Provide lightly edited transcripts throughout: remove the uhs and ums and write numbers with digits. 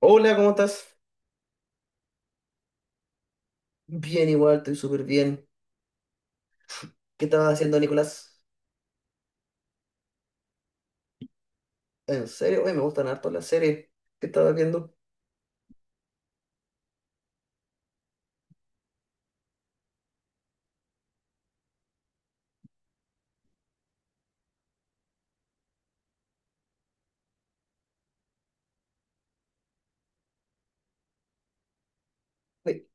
Hola, ¿cómo estás? Bien, igual, estoy súper bien. ¿Qué estabas haciendo, Nicolás? ¿En serio? Oye, me gustan harto las series. ¿Qué estabas viendo? Oye,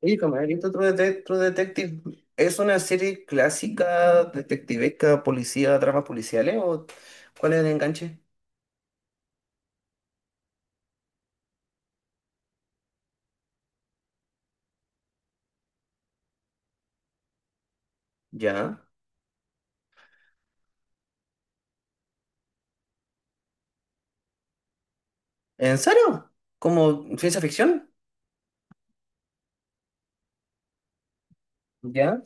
oye, como he visto True Detective. ¿Es una serie clásica, detectivesca, policía, dramas policiales? ¿O cuál es el enganche? ¿Ya? ¿En serio? ¿Como ciencia ficción? ¿Ya?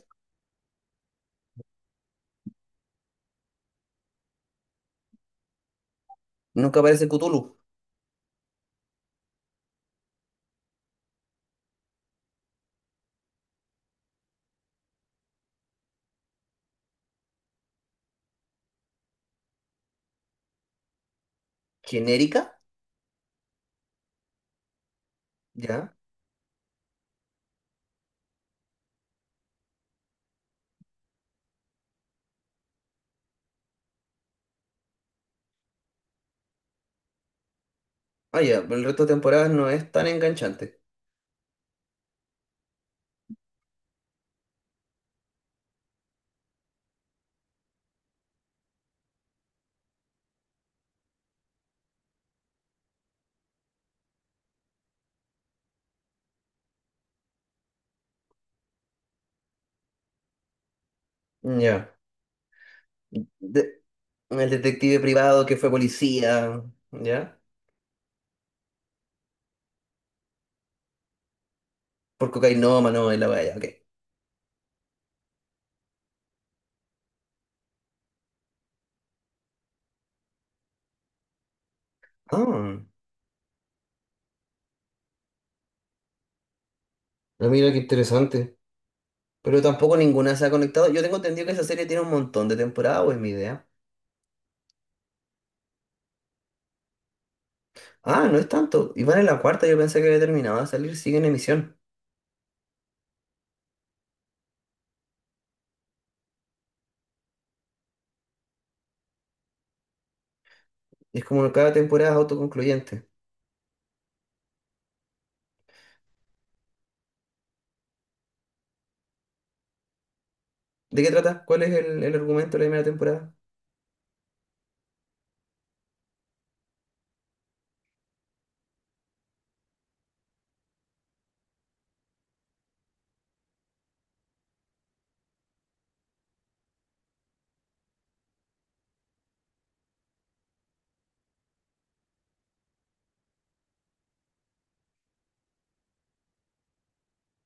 Nunca aparece Cthulhu. ¿Genérica? ¿Ya? Ah, ya, pero el resto de temporadas no es tan enganchante. Ya. De- El detective privado que fue policía, ¿ya? Por cocainómano en la valla, ok. Ah, ah, mira qué interesante. Pero tampoco ninguna se ha conectado. Yo tengo entendido que esa serie tiene un montón de temporadas, o es mi idea. Ah, no es tanto. Y van en la cuarta, yo pensé que había terminado de salir, sigue en emisión. Es como cada temporada es autoconcluyente. ¿De qué trata? ¿Cuál es el argumento de la primera temporada?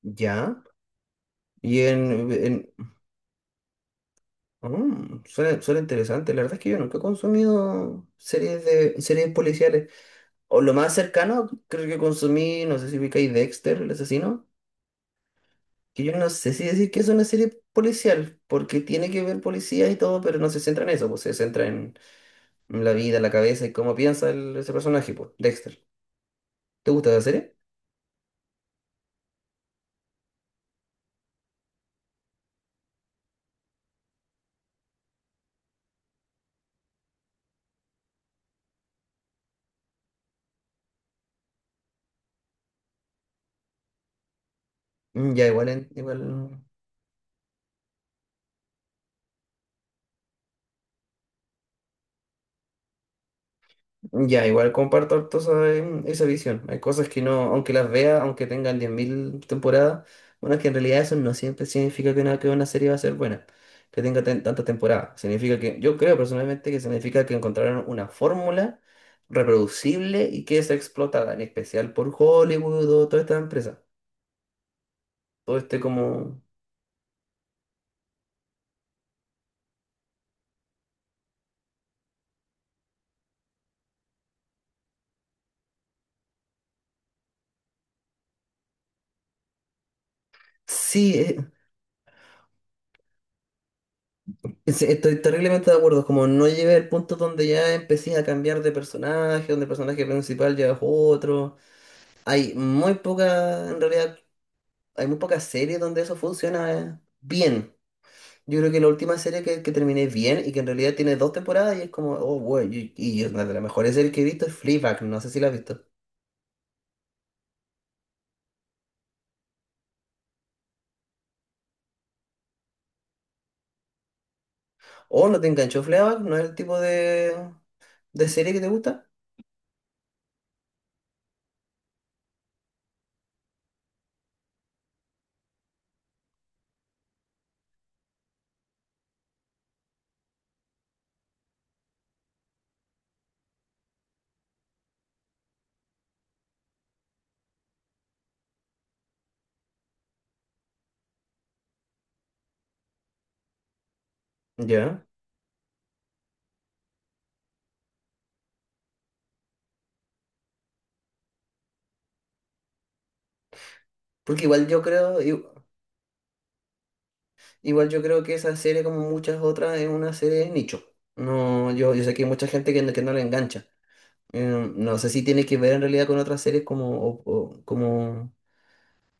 Ya. Y en... suena, suena interesante. La verdad es que yo nunca he consumido series de series policiales. O lo más cercano, creo que consumí, no sé si ubicáis Dexter, el asesino, que yo no sé si decir que es una serie policial, porque tiene que ver policía y todo, pero no se centra en eso, pues se centra en la vida, la cabeza y cómo piensa ese personaje, pues, Dexter. ¿Te gusta la serie? Ya, igual, igual. Ya, igual comparto harto esa visión. Hay cosas que no, aunque las vea, aunque tengan 10.000 temporadas, bueno, es que en realidad eso no siempre significa que una serie va a ser buena, que tenga tantas temporadas. Significa que, yo creo personalmente que significa que encontraron una fórmula reproducible y que es explotada, en especial por Hollywood o toda esta empresa. Todo este como... Sí, estoy terriblemente de acuerdo, como no llegué al punto donde ya empecé a cambiar de personaje, donde el personaje principal ya es otro. Hay muy pocas, en realidad, hay muy pocas series donde eso funciona bien. Yo creo que la última serie que terminé bien y que en realidad tiene dos temporadas y es como, oh, bueno, y es una de las mejores series que he visto es Fleabag, no sé si la has visto. ¿O no te enganchó Fleabag? ¿No es el tipo de serie que te gusta? Ya. Porque igual yo creo, i- Igual yo creo que esa serie, como muchas otras, es una serie de nicho. No, yo sé que hay mucha gente que no la engancha. No sé si tiene que ver en realidad con otras series como, como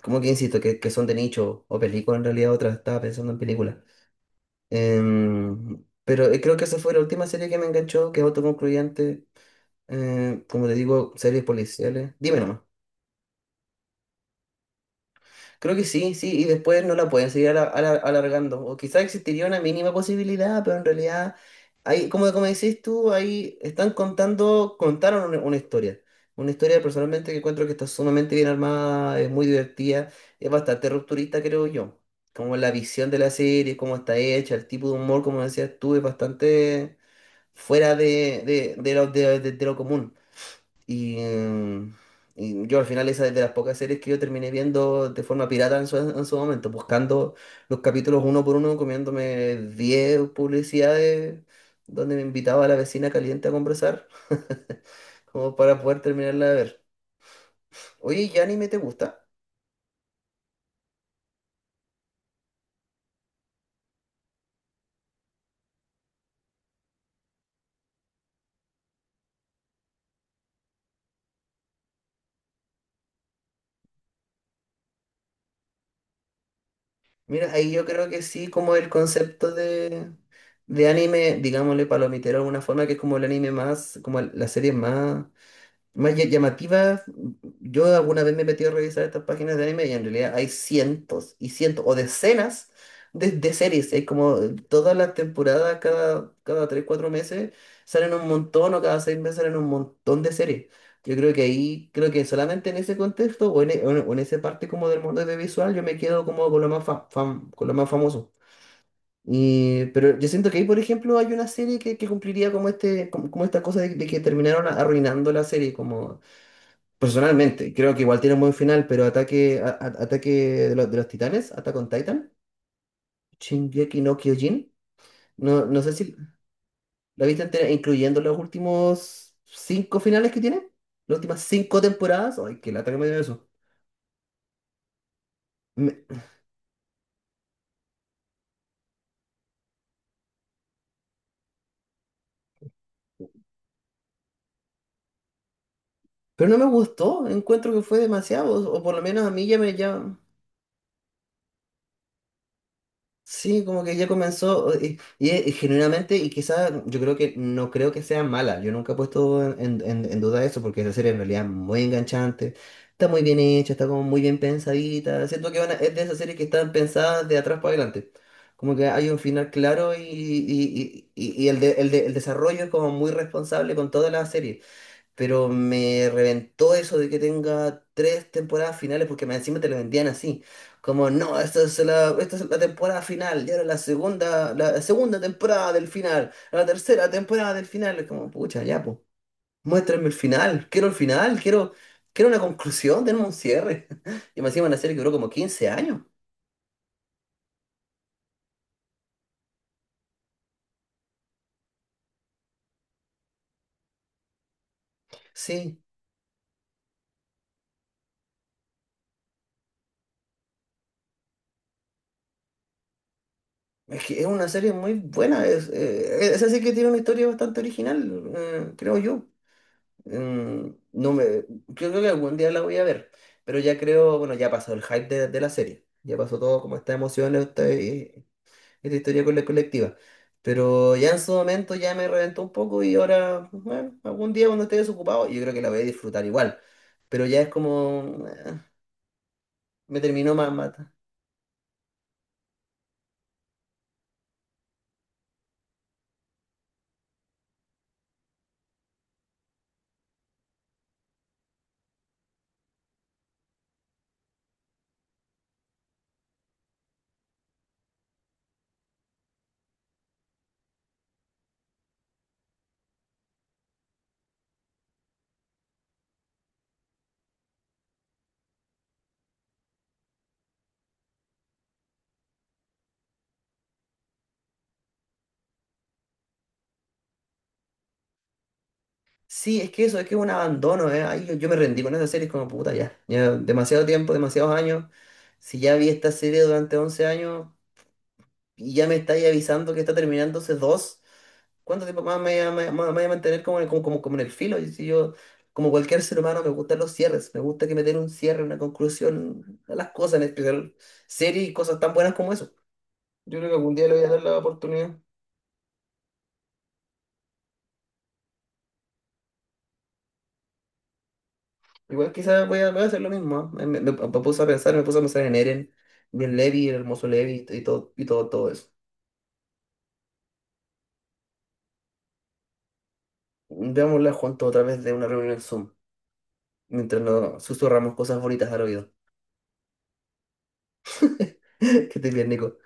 como que insisto, que son de nicho o películas en realidad, otras estaba pensando en películas. Pero creo que esa fue la última serie que me enganchó, que es autoconcluyente. Como te digo, series policiales. Dime nomás. Creo que sí, sí, y después no la pueden seguir alargando. O quizás existiría una mínima posibilidad, pero en realidad, hay, como, como decís tú, ahí están contaron una historia. Una historia personalmente que encuentro que está sumamente bien armada, es muy divertida, es bastante rupturista, creo yo. Como la visión de la serie, cómo está hecha, el tipo de humor, como decías tú, es bastante fuera de lo común. Y, mm, y yo al final esa es de las pocas series que yo terminé viendo de forma pirata en su momento, buscando los capítulos uno por uno, comiéndome 10 publicidades donde me invitaba a la vecina caliente a conversar, como para poder terminarla de ver. Oye, ¿y anime te gusta? Mira, ahí yo creo que sí, como el concepto de anime, digámosle palomitero de alguna forma, que es como el anime más, como la serie más llamativas, yo alguna vez me he metido a revisar estas páginas de anime y en realidad hay cientos y cientos o decenas de series. Hay como todas las temporadas, cada 3 4 meses salen un montón o cada 6 meses salen un montón de series. Yo creo que ahí, creo que solamente en ese contexto o en, e- o en esa parte como del mundo audiovisual yo me quedo como con lo más, con lo más famoso. Y, pero yo siento que ahí, por ejemplo, hay una serie que cumpliría como esta cosa de que terminaron arruinando la serie, como personalmente, creo que igual tiene un buen final, pero ataque de los titanes, Attack on Titan, Shingeki no Kyojin. No, no sé si la viste entera, incluyendo los últimos cinco finales que tiene, las últimas cinco temporadas. Ay, qué lata que me dio eso. Me- pero no me gustó, encuentro que fue demasiado, o por lo menos a mí ya me ya. Sí, como que ya comenzó genuinamente, y quizás yo creo que no creo que sea mala, yo nunca he puesto en duda eso porque esa serie en realidad es muy enganchante, está muy bien hecha, está como muy bien pensadita, siento que es de esas series que están pensadas de atrás para adelante, como que hay un final claro y el desarrollo es como muy responsable con toda la serie. Pero me reventó eso de que tenga tres temporadas finales porque más encima te lo vendían así. Como, no, esta es la temporada final, y ahora la segunda temporada del final, la tercera temporada del final. Es como, pucha, ya, pues, muéstrame el final, quiero, quiero una conclusión, tenemos un cierre. Y más encima una serie que duró como 15 años. Sí, es que es una serie muy buena, es así que tiene una historia bastante original, creo yo. No creo que algún día la voy a ver, pero ya creo, bueno, ya pasó el hype de la serie, ya pasó todo como esta emoción, esta historia con la colectiva, pero ya en su momento ya me reventó un poco y ahora, pues, bueno, algún día cuando esté desocupado, yo creo que la voy a disfrutar igual, pero ya es como, me terminó más mata. Sí, es que eso, es que es un abandono, ahí yo me rendí con esa serie, es como puta, ya, ya demasiado tiempo, demasiados años, si ya vi esta serie durante 11 años. Y ya me estáis avisando que está terminándose dos. ¿Cuánto tiempo más me voy a mantener como como en el filo? Y si yo, como cualquier ser humano, me gustan los cierres. Me gusta que me den un cierre, una conclusión a las cosas, en especial series y cosas tan buenas como eso. Yo creo que algún día le voy a dar la oportunidad. Igual quizás voy a hacer lo mismo. ¿Ah? Me me puse a pensar en Eren, y en Levi, el hermoso Levi y todo, todo eso. Veámosla juntos otra vez de una reunión en Zoom, mientras nos susurramos cosas bonitas al oído. Que estés bien, Nico.